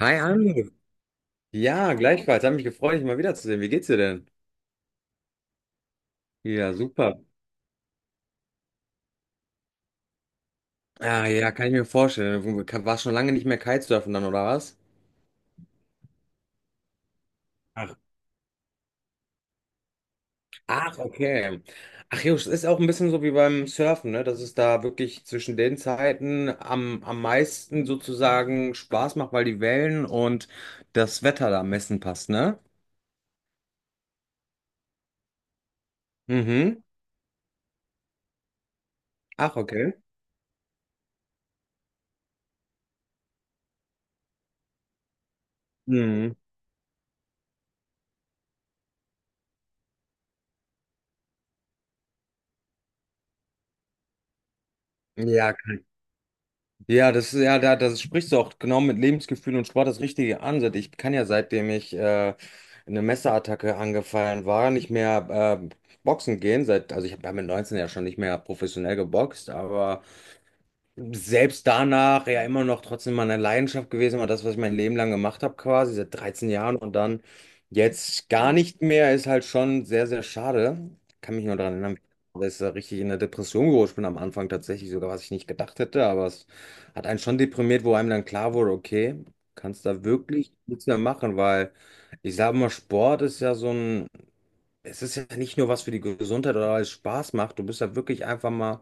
Hi Anne. Ja, gleichfalls. Hat mich gefreut, dich mal wiederzusehen. Wie geht's dir denn? Ja, super. Ah, ja, kann ich mir vorstellen. Du warst schon lange nicht mehr Kitesurfen dann, oder was? Ach, ach, okay. Ach, Jungs, es ist auch ein bisschen so wie beim Surfen, ne? Dass es da wirklich zwischen den Zeiten am meisten sozusagen Spaß macht, weil die Wellen und das Wetter da am besten passt, ne? Mhm. Ach, okay. Mhm. Ja, ja, das ist ja, da, das sprichst du auch genau mit Lebensgefühl und Sport das Richtige an. Seit ich kann ja, seitdem ich eine Messerattacke angefallen war, nicht mehr boxen gehen. Seit, also ich habe ja mit 19 ja schon nicht mehr professionell geboxt, aber selbst danach ja immer noch trotzdem meine Leidenschaft gewesen, war das, was ich mein Leben lang gemacht habe, quasi seit 13 Jahren und dann jetzt gar nicht mehr, ist halt schon sehr, sehr schade. Kann mich nur daran erinnern, dass ich da richtig in der Depression gerutscht bin am Anfang tatsächlich, sogar was ich nicht gedacht hätte, aber es hat einen schon deprimiert, wo einem dann klar wurde, okay, kannst da wirklich nichts mehr machen, weil ich sage mal, Sport ist ja so ein, es ist ja nicht nur was für die Gesundheit oder alles Spaß macht, du bist ja wirklich einfach mal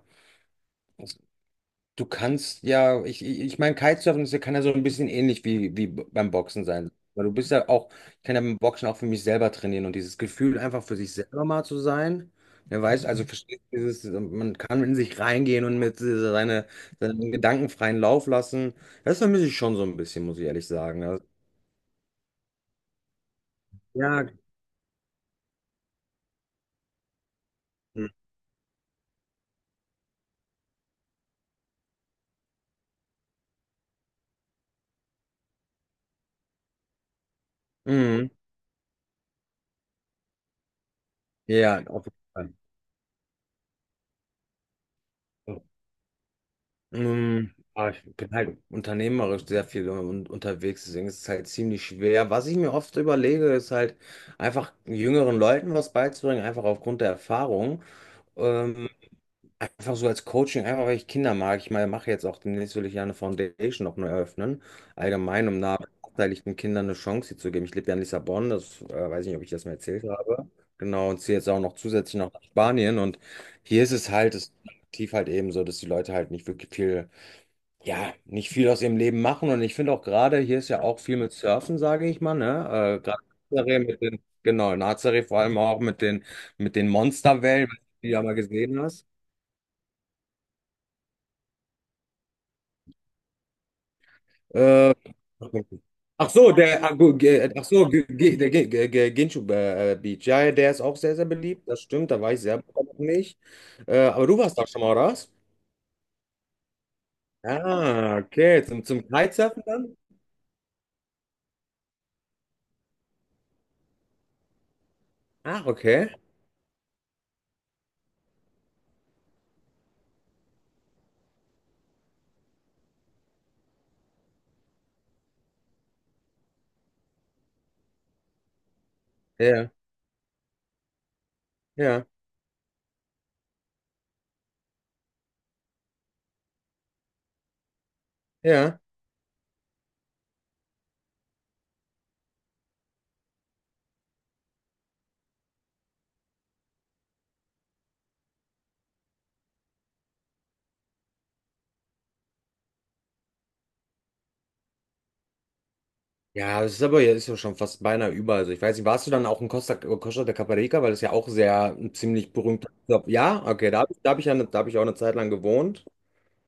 du kannst ja, ich meine, Kitesurfen ist, ja, kann ja so ein bisschen ähnlich wie, wie beim Boxen sein. Weil du bist ja auch, ich kann ja beim Boxen auch für mich selber trainieren und dieses Gefühl, einfach für sich selber mal zu sein. Wer weiß, also mhm, versteht dieses, man kann in sich reingehen und mit dieser- seine, seinen Gedanken freien Lauf lassen. Das vermisse ich schon so ein bisschen, muss ich ehrlich sagen. Also, ja. Mhm. Ja, auf jeden Fall. Aber ich bin halt unternehmerisch sehr viel un unterwegs, deswegen ist es halt ziemlich schwer. Was ich mir oft überlege, ist halt einfach jüngeren Leuten was beizubringen, einfach aufgrund der Erfahrung. Ähm, Einfach so als Coaching, einfach weil ich Kinder mag. Ich meine, mache jetzt auch demnächst will ich ja eine Foundation noch neu eröffnen, allgemein, um benachteiligten Kindern eine Chance hier zu geben. Ich lebe ja in Lissabon, das weiß nicht, ob ich das mal erzählt habe. Genau, und ziehe jetzt auch noch zusätzlich noch nach Spanien. Und hier ist es halt, es ist tief halt eben so, dass die Leute halt nicht wirklich viel, ja, nicht viel aus ihrem Leben machen. Und ich finde auch gerade, hier ist ja auch viel mit Surfen, sage ich mal, ne? Gerade in Nazaré mit den, genau, in Nazaré vor allem auch mit den Monsterwellen, die du ja mal gesehen hast. Äh, Ach so, der, ah, gut, ach so, der Ginchu Beach, ja, ja, der ist auch sehr, sehr beliebt, das stimmt, da war ich selber noch nicht. Aber du warst da schon mal, oder was? Ah, okay, zum Kitesurfen dann? Ach, okay, ja, ja, ja. Ja, das ist aber jetzt ja schon fast beinahe über. Also ich weiß nicht, warst du dann auch in Costa de Caparica, weil das ja auch sehr ein ziemlich berühmt. Ja, okay, da habe ich ja, da habe ich auch eine Zeit lang gewohnt.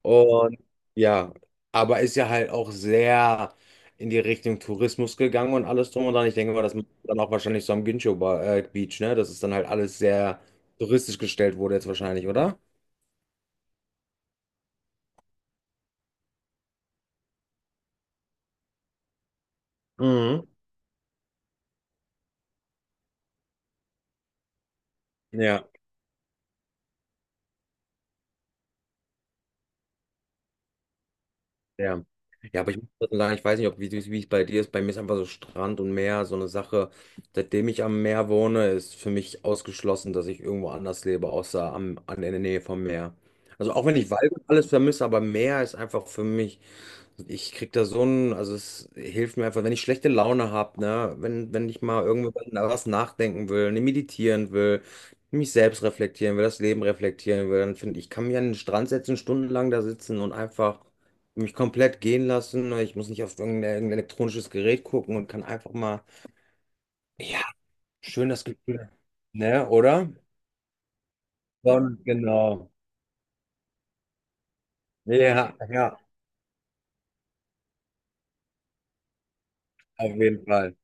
Und ja, aber ist ja halt auch sehr in die Richtung Tourismus gegangen und alles drum und dran. Ich denke mal, das macht dann auch wahrscheinlich so am Gincho Beach, ne? Dass es dann halt alles sehr touristisch gestellt wurde jetzt wahrscheinlich, oder? Mhm. Ja. Ja. Ja, aber ich muss trotzdem sagen, ich weiß nicht, ob wie es bei dir ist. Bei mir ist einfach so Strand und Meer so eine Sache. Seitdem ich am Meer wohne, ist für mich ausgeschlossen, dass ich irgendwo anders lebe, außer am, an der Nähe vom Meer. Also auch wenn ich Wald und alles vermisse, aber Meer ist einfach für mich. Ich krieg da so ein, also es hilft mir einfach, wenn ich schlechte Laune habe, ne, wenn ich mal irgendwo was nachdenken will, ne, meditieren will, mich selbst reflektieren will, das Leben reflektieren will, dann finde ich, kann mich an den Strand setzen, stundenlang da sitzen und einfach mich komplett gehen lassen, ne. Ich muss nicht auf irgendein elektronisches Gerät gucken und kann einfach mal, ja, schön das Gefühl, ne, oder? Dann, genau. Ja, ja, auf jeden Fall.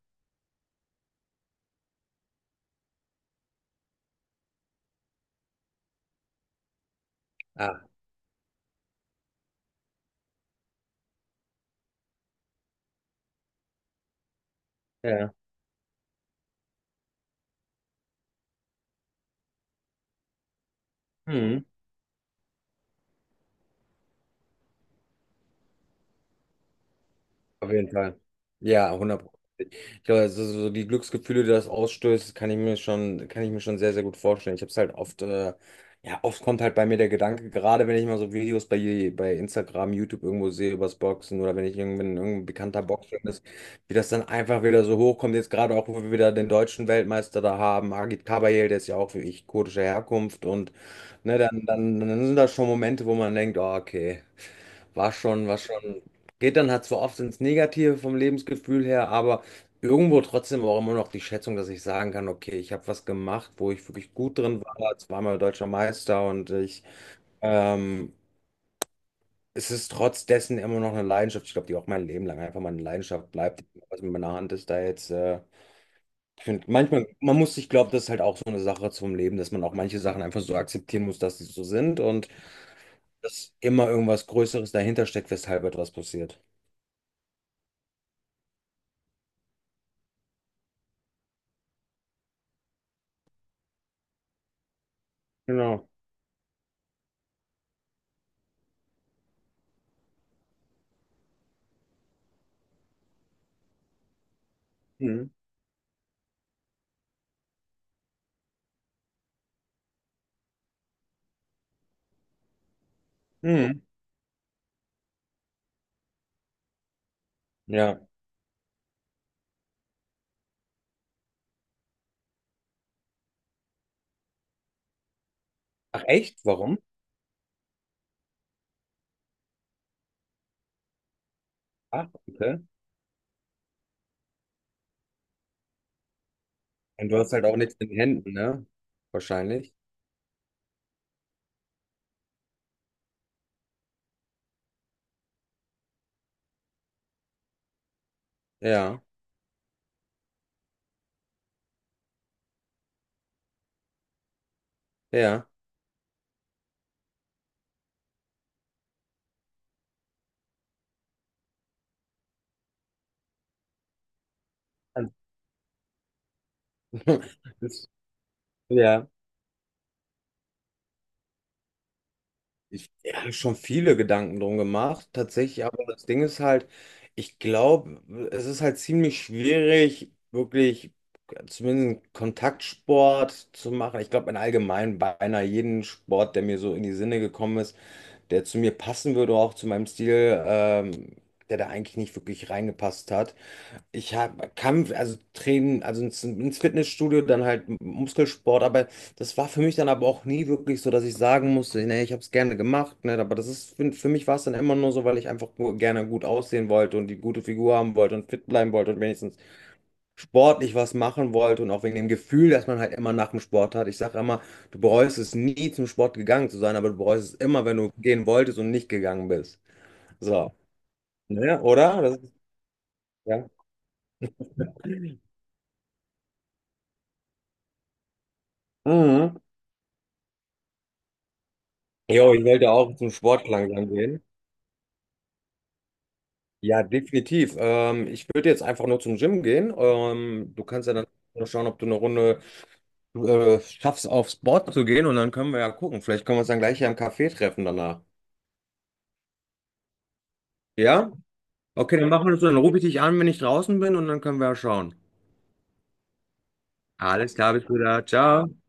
Ah, ja. Mhm. Auf jeden Fall. Ja, hundert. Ich glaube, also so die Glücksgefühle, die das ausstößt, kann ich mir schon sehr, sehr gut vorstellen. Ich habe es halt oft, ja, oft kommt halt bei mir der Gedanke, gerade wenn ich mal so Videos bei Instagram, YouTube irgendwo sehe übers Boxen oder wenn ich irgendwann irgendein bekannter Boxer ist, wie das dann einfach wieder so hochkommt. Jetzt gerade auch, wo wir wieder den deutschen Weltmeister da haben, Agit Kabayel, der ist ja auch wie ich kurdischer Herkunft und, ne, dann sind das schon Momente, wo man denkt, oh, okay. War schon, war schon. Geht dann halt zwar oft ins Negative vom Lebensgefühl her, aber irgendwo trotzdem auch immer noch die Schätzung, dass ich sagen kann, okay, ich habe was gemacht, wo ich wirklich gut drin war, zweimal deutscher Meister und ich, ähm, es ist trotz dessen immer noch eine Leidenschaft. Ich glaube, die auch mein Leben lang einfach meine Leidenschaft bleibt, was mit meiner Hand ist da jetzt. Ich finde, manchmal, man muss, ich glaube, das ist halt auch so eine Sache zum Leben, dass man auch manche Sachen einfach so akzeptieren muss, dass sie so sind und dass immer irgendwas Größeres dahinter steckt, weshalb etwas passiert. Genau. Mhm. Mhm. Ja. Ach echt? Warum? Ach, okay. Und du hast halt auch nichts in den Händen, ne? Wahrscheinlich. Ja, ja. Also, das, ja. Ich hab schon viele Gedanken drum gemacht, tatsächlich, aber das Ding ist halt, ich glaube, es ist halt ziemlich schwierig, wirklich zumindest einen Kontaktsport zu machen. Ich glaube, in allgemein beinahe jeden Sport, der mir so in die Sinne gekommen ist, der zu mir passen würde, auch zu meinem Stil, der da eigentlich nicht wirklich reingepasst hat. Ich hab, Kampf, also Training, ins Fitnessstudio, dann halt Muskelsport, aber das war für mich dann aber auch nie wirklich so, dass ich sagen musste, ne, ich habe es gerne gemacht, ne, aber das ist, für mich war es dann immer nur so, weil ich einfach gerne gut aussehen wollte und die gute Figur haben wollte und fit bleiben wollte und wenigstens sportlich was machen wollte und auch wegen dem Gefühl, dass man halt immer nach dem Sport hat. Ich sage immer, du bereust es nie zum Sport gegangen zu sein, aber du bereust es immer, wenn du gehen wolltest und nicht gegangen bist. So, ne, oder? Das ist, ja. Mhm. Jo, ich wollte auch zum Sport langsam gehen. Ja, definitiv. Ich würde jetzt einfach nur zum Gym gehen. Du kannst ja dann nur schauen, ob du eine Runde schaffst, aufs Board zu gehen und dann können wir ja gucken. Vielleicht können wir uns dann gleich hier im Café treffen danach. Ja? Okay, dann machen wir das so. Dann rufe ich dich an, wenn ich draußen bin und dann können wir ja schauen. Alles klar, bis wieder. Ciao.